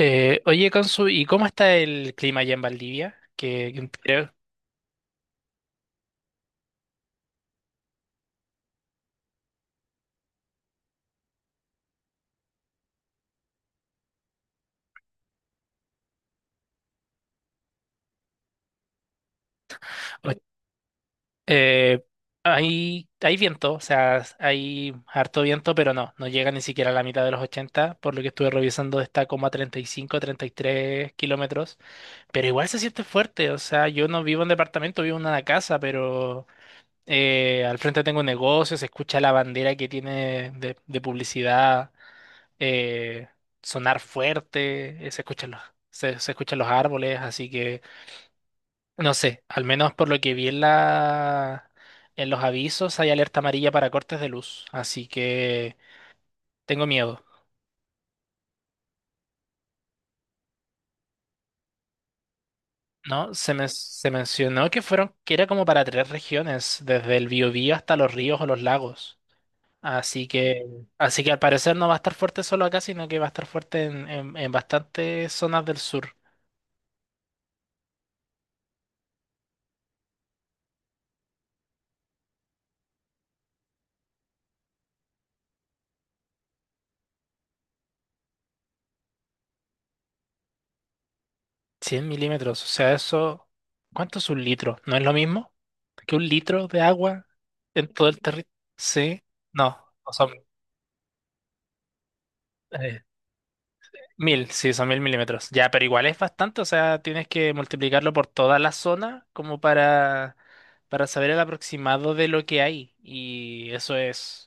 Oye, Consu, ¿y cómo está el clima allá en Valdivia? O- eh, Hay, hay viento, o sea, hay harto viento, pero no llega ni siquiera a la mitad de los 80, por lo que estuve revisando está como a treinta y cinco, treinta y tres kilómetros, pero igual se siente fuerte, o sea, yo no vivo en departamento, vivo en una casa, pero al frente tengo un negocio, se escucha la bandera que tiene de publicidad eh, sonar fuerte, se escuchan se, se escuchan los árboles, así que no sé, al menos por lo que vi en en los avisos hay alerta amarilla para cortes de luz, así que tengo miedo. ¿No? Se mencionó que fueron, que era como para tres regiones, desde el Biobío hasta los ríos o los lagos. Así que, Así que al parecer no va a estar fuerte solo acá, sino que va a estar fuerte en bastantes zonas del sur. Cien milímetros, o sea, eso, ¿cuánto es un litro? ¿No es lo mismo que un litro de agua en todo el territorio? Sí, no, no son eh, mil, sí, son mil milímetros. Ya, pero igual es bastante, o sea, tienes que multiplicarlo por toda la zona como para saber el aproximado de lo que hay. Y eso es...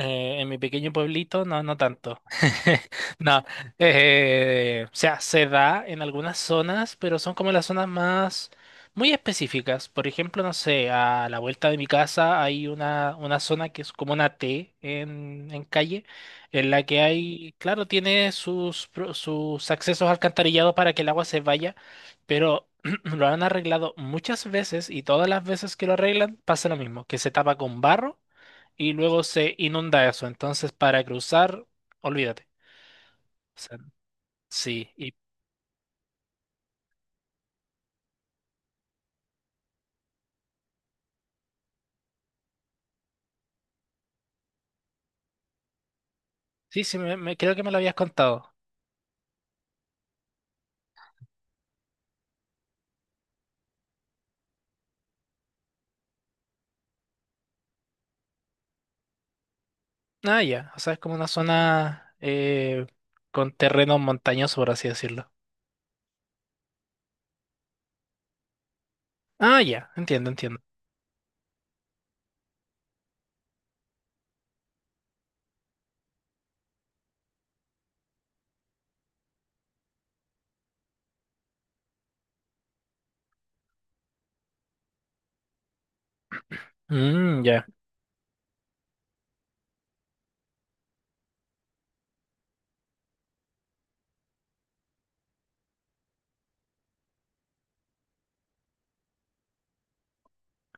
En mi pequeño pueblito, no, no tanto. No, o sea, se da en algunas zonas, pero son como las zonas más muy específicas. Por ejemplo, no sé, a la vuelta de mi casa hay una zona que es como una T en calle, en la que hay, claro, tiene sus accesos alcantarillados para que el agua se vaya, pero lo han arreglado muchas veces y todas las veces que lo arreglan pasa lo mismo, que se tapa con barro y luego se inunda eso. Entonces, para cruzar, olvídate. O sea, sí, y sí, sí, creo que me lo habías contado. Ah, ya, o sea, es como una zona con terreno montañoso, por así decirlo. Ah, ya, entiendo, entiendo. Mm, ya.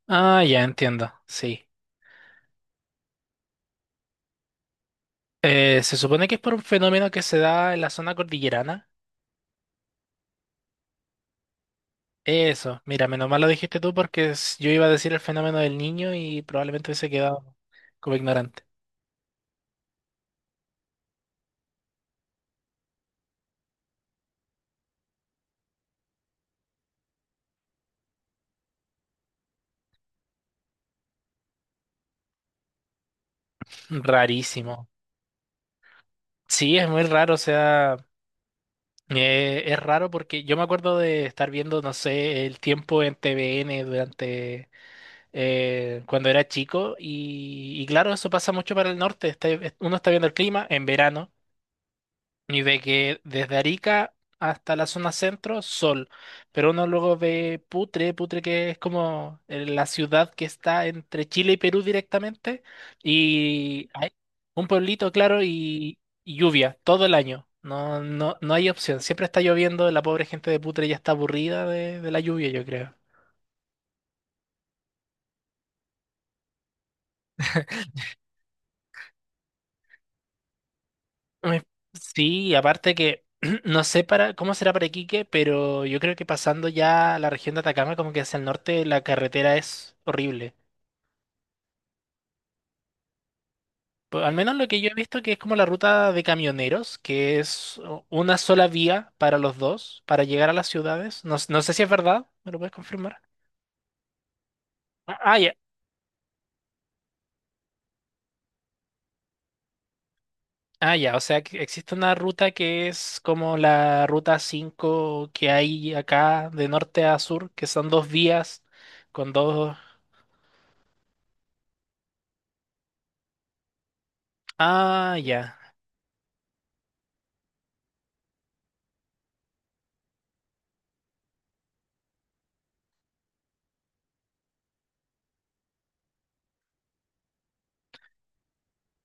Ah, ya, entiendo, sí. Se supone que es por un fenómeno que se da en la zona cordillerana. Eso, mira, menos mal lo dijiste tú porque yo iba a decir el fenómeno del niño y probablemente hubiese quedado como ignorante. Rarísimo. Sí, es muy raro, o sea, es raro porque yo me acuerdo de estar viendo, no sé, el tiempo en TVN durante cuando era chico y claro, eso pasa mucho para el norte, uno está viendo el clima en verano y ve que desde Arica hasta la zona centro, sol. Pero uno luego ve Putre, Putre que es como la ciudad que está entre Chile y Perú directamente, y hay un pueblito, claro, y lluvia todo el año. No, no, no hay opción. Siempre está lloviendo, la pobre gente de Putre ya está aburrida de la lluvia, yo creo. Me- Sí, aparte que no sé para cómo será para Iquique, pero yo creo que pasando ya a la región de Atacama, como que hacia el norte, la carretera es horrible. Pues, al menos lo que yo he visto que es como la ruta de camioneros, que es una sola vía para los dos, para llegar a las ciudades. No, no sé si es verdad, ¿me lo puedes confirmar? Ah, ah, ya. Ah, ya, o sea, que existe una ruta que es como la ruta 5 que hay acá de norte a sur, que son dos vías con dos... Ah, ya.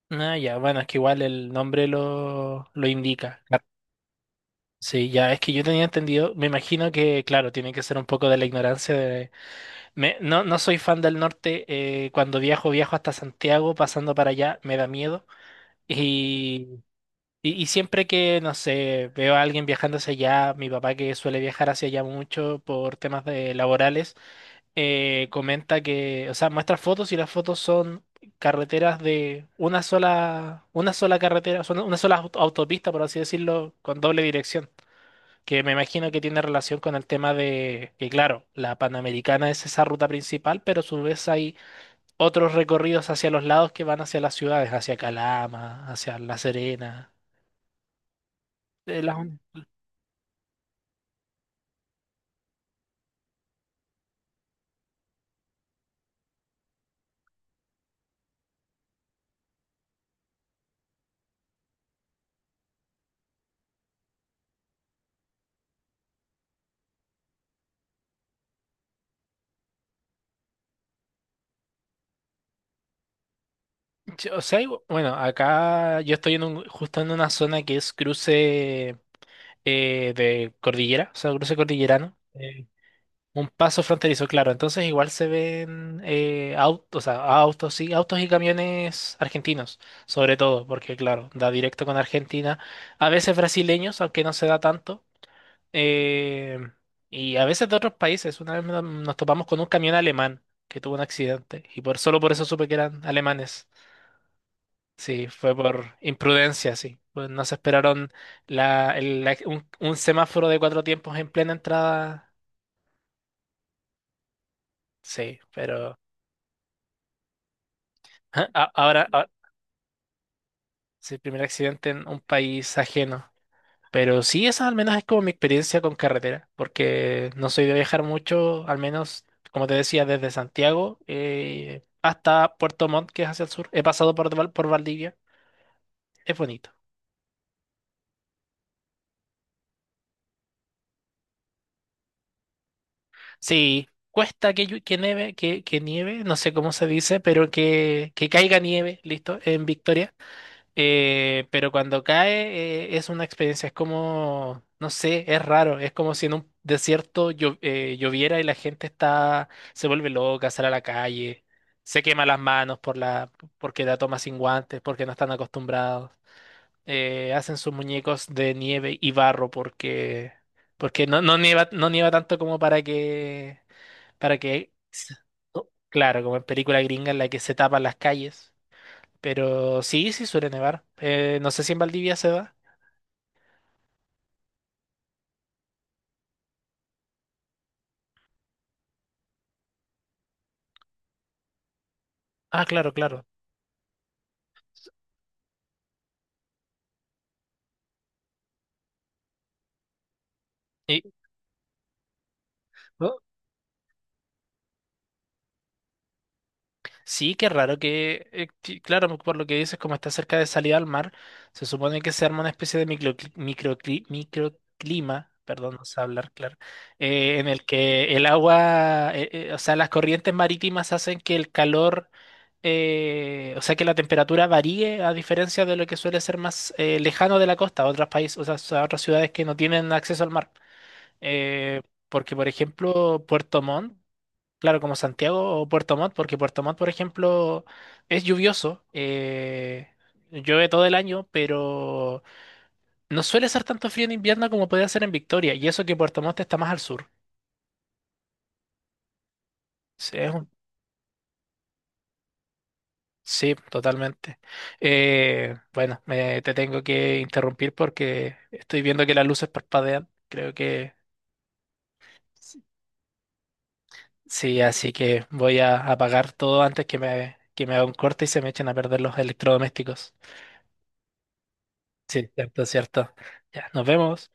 Ah, ya, bueno, es que igual el nombre lo indica. Claro. Sí, ya, es que yo tenía entendido, me imagino que, claro, tiene que ser un poco de la ignorancia. No, no soy fan del norte. Eh, cuando viajo, viajo hasta Santiago, pasando para allá, me da miedo. Y, y siempre que, no sé, veo a alguien viajando hacia allá, mi papá que suele viajar hacia allá mucho por temas de laborales, comenta que, o sea, muestra fotos y las fotos son carreteras de una sola carretera, son una sola autopista, por así decirlo, con doble dirección que me imagino que tiene relación con el tema de que, claro, la Panamericana es esa ruta principal, pero a su vez hay otros recorridos hacia los lados que van hacia las ciudades, hacia Calama, hacia La Serena. Eh, las un- Sí, o sea, bueno, acá yo estoy en justo en una zona que es cruce de cordillera, o sea, cruce cordillerano. Un paso fronterizo, claro. Entonces igual se ven autos, o sea, autos, sí, autos y camiones argentinos, sobre todo, porque claro, da directo con Argentina. A veces brasileños, aunque no se da tanto. eh, y a veces de otros países. Una vez nos topamos con un camión alemán que tuvo un accidente. Y por solo por eso supe que eran alemanes. Sí, fue por imprudencia, sí. Pues no se esperaron la, el- la- un semáforo de cuatro tiempos en plena entrada. Sí, pero... Ah, ahora, sí, el primer accidente en un país ajeno. Pero sí, esa al menos es como mi experiencia con carretera, porque no soy de viajar mucho, al menos, como te decía, desde Santiago hasta Puerto Montt, que es hacia el sur. He pasado por Valdivia, es bonito. Sí, cuesta que nieve, que nieve, no sé cómo se dice, pero que caiga nieve, listo, en Victoria. Pero cuando cae es una experiencia, es como, no sé, es raro, es como si en un desierto lloviera y la gente está, se vuelve loca, sale a la calle, se quema las manos por porque la toma sin guantes, porque no están acostumbrados, hacen sus muñecos de nieve y barro porque, porque no, no nieva, no nieva tanto como para para que, claro, como en película gringa en la que se tapan las calles. Pero sí, sí suele nevar. No sé si en Valdivia se da. Ah, claro, claro. Y- oh, sí, qué raro que, claro, por lo que dices, como está cerca de salida al mar, se supone que se arma una especie de microclima, perdón, no sé hablar, claro, en el que el agua, o sea, las corrientes marítimas hacen que el calor, o sea, que la temperatura varíe a diferencia de lo que suele ser más lejano de la costa, otros países, o sea, otras ciudades que no tienen acceso al mar. Eh, Porque, por ejemplo, claro, como Santiago o Puerto Montt, porque Puerto Montt, por ejemplo, es lluvioso, llueve todo el año, pero no suele ser tanto frío en invierno como puede ser en Victoria, y eso que Puerto Montt está más al sur. Sí, sí, totalmente. Bueno, te tengo que interrumpir porque estoy viendo que las luces parpadean, creo que... Sí, así que voy a apagar todo antes que que me haga un corte y se me echen a perder los electrodomésticos. Sí, cierto, cierto. Ya, nos vemos.